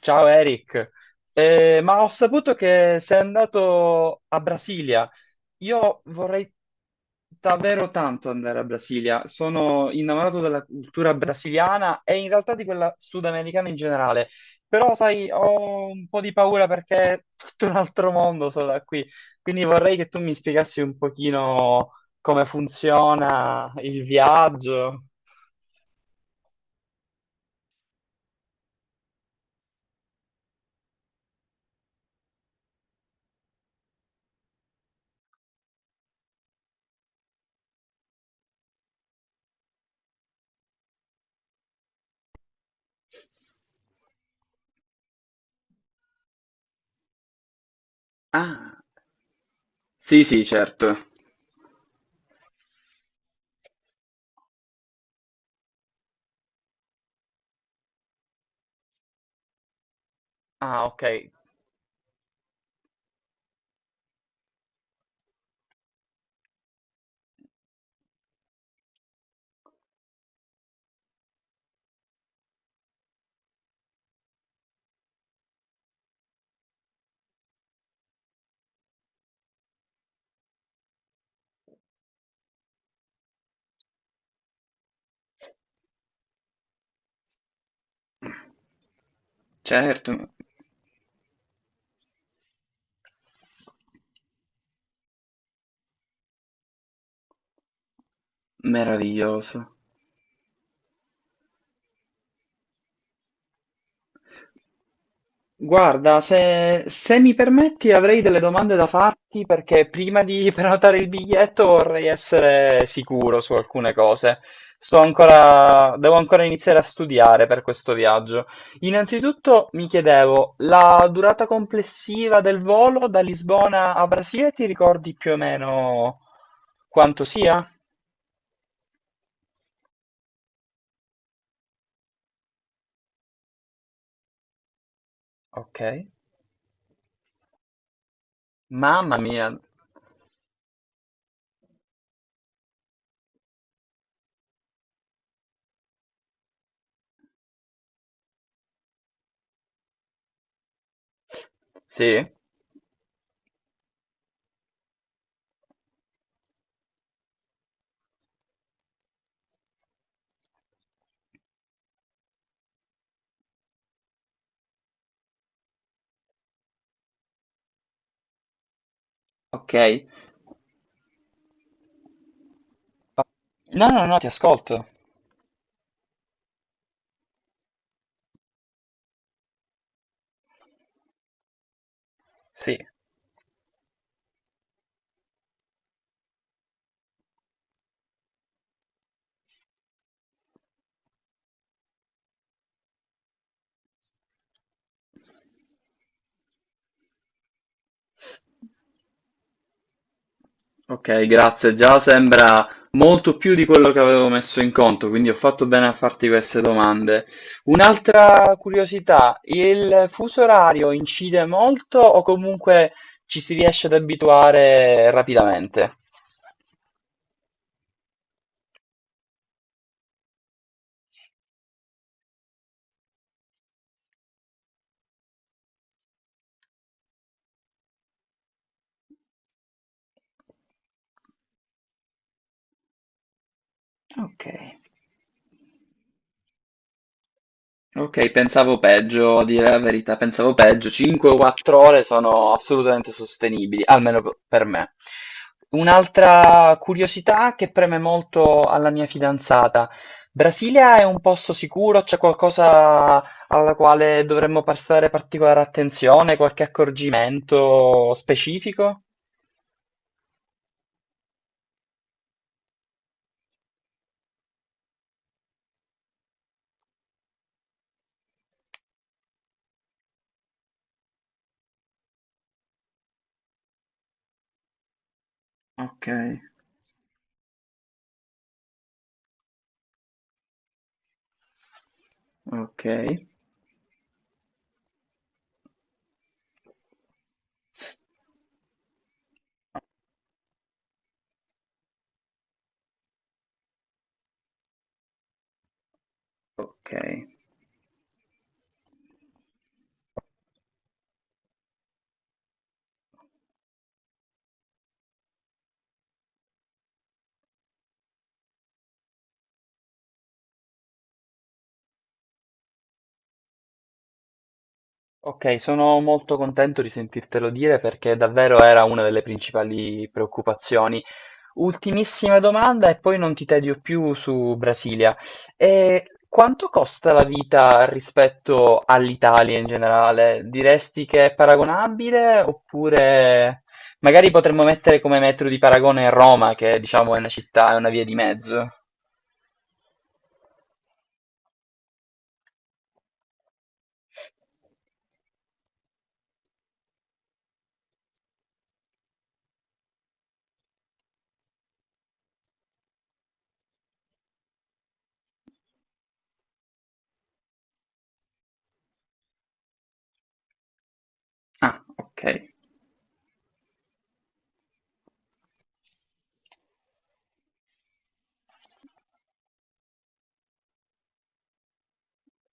Ciao Eric. Ma ho saputo che sei andato a Brasilia. Io vorrei davvero tanto andare a Brasilia. Sono innamorato della cultura brasiliana e in realtà di quella sudamericana in generale. Però, sai, ho un po' di paura perché è tutto un altro mondo solo da qui. Quindi vorrei che tu mi spiegassi un pochino come funziona il viaggio. Ah, ok. Certo. Meraviglioso. Guarda, se mi permetti avrei delle domande da farti perché prima di prenotare il biglietto vorrei essere sicuro su alcune cose. Sto ancora, devo ancora iniziare a studiare per questo viaggio. Innanzitutto mi chiedevo, la durata complessiva del volo da Lisbona a Brasile, ti ricordi più o meno quanto sia? Ok. Mamma mia. Sì? Ok. Pa- No, no, no, ti ascolto. Sì. Ok, grazie. Già sembra molto più di quello che avevo messo in conto, quindi ho fatto bene a farti queste domande. Un'altra curiosità, il fuso orario incide molto o comunque ci si riesce ad abituare rapidamente? Ok. Okay, pensavo peggio, a dire la verità, pensavo peggio. 5 o 4 ore sono assolutamente sostenibili, almeno p per me. Un'altra curiosità che preme molto alla mia fidanzata: Brasilia è un posto sicuro? C'è qualcosa alla quale dovremmo prestare particolare attenzione? Qualche accorgimento specifico? Okay, okay, okay. Ok, sono molto contento di sentirtelo dire perché davvero era una delle principali preoccupazioni. Ultimissima domanda e poi non ti tedio più su Brasilia. E quanto costa la vita rispetto all'Italia in generale? Diresti che è paragonabile oppure magari potremmo mettere come metro di paragone Roma, che diciamo è una città, è una via di mezzo. Ah, ok.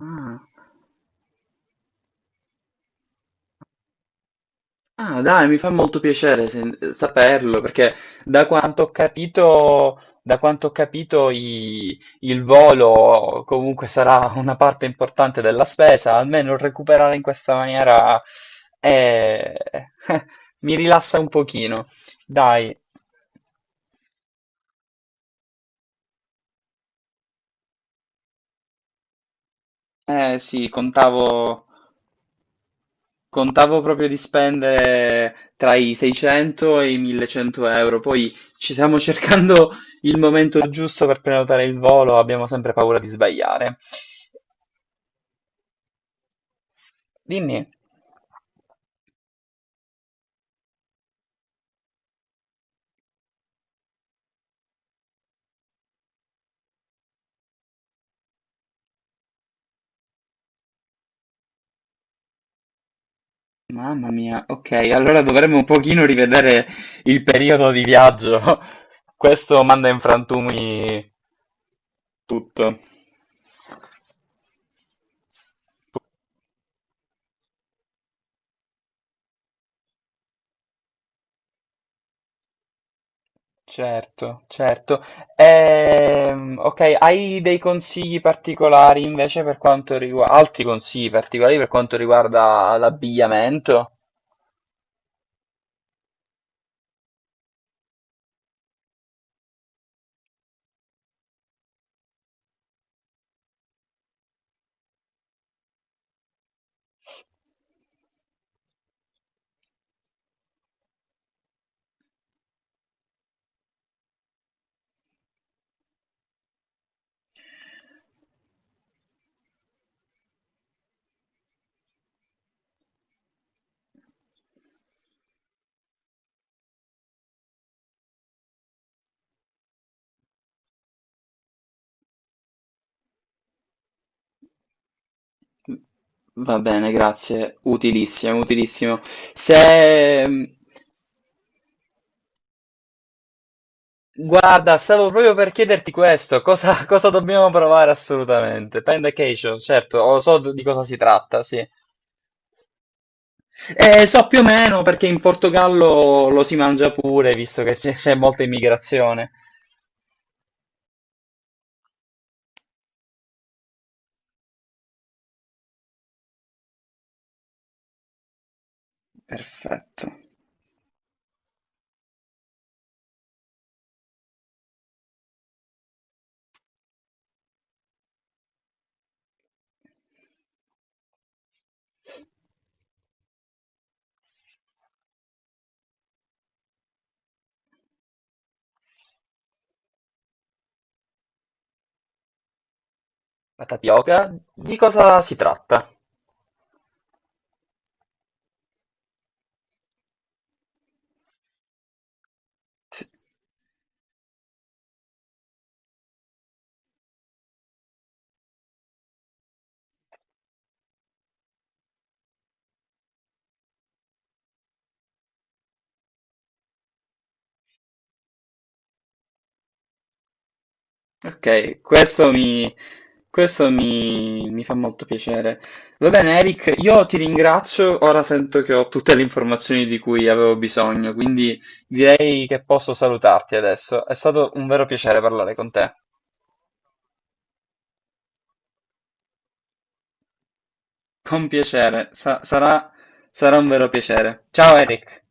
Ah. Ah, dai, mi fa molto piacere saperlo, perché da quanto ho capito, da quanto ho capito il volo comunque sarà una parte importante della spesa, almeno recuperare in questa maniera eh, mi rilassa un pochino. Dai, eh sì, contavo. Contavo proprio di spendere tra i 600 e i 1100 euro, poi ci stiamo cercando il momento giusto per prenotare il volo, abbiamo sempre paura di sbagliare. Dimmi. Mamma mia, ok, allora dovremmo un pochino rivedere il periodo di viaggio. Questo manda in frantumi tutto. Certo, certo. Ok, hai dei consigli particolari invece per quanto riguarda, altri consigli particolari per quanto riguarda l'abbigliamento? Va bene, grazie. Utilissimo, utilissimo. Se... Guarda, stavo proprio per chiederti questo, cosa, cosa dobbiamo provare assolutamente? Panda Cation, certo, lo so di cosa si tratta, sì. So più o meno perché in Portogallo lo si mangia pure, visto che c'è molta immigrazione. Perfetto. La tapioca, di cosa si tratta? Sì. Ok, questo mi, mi fa molto piacere. Va bene, Eric, io ti ringrazio. Ora sento che ho tutte le informazioni di cui avevo bisogno, quindi direi che posso salutarti adesso. È stato un vero piacere parlare con te. Con piacere, sarà sarà un vero piacere. Ciao Eric.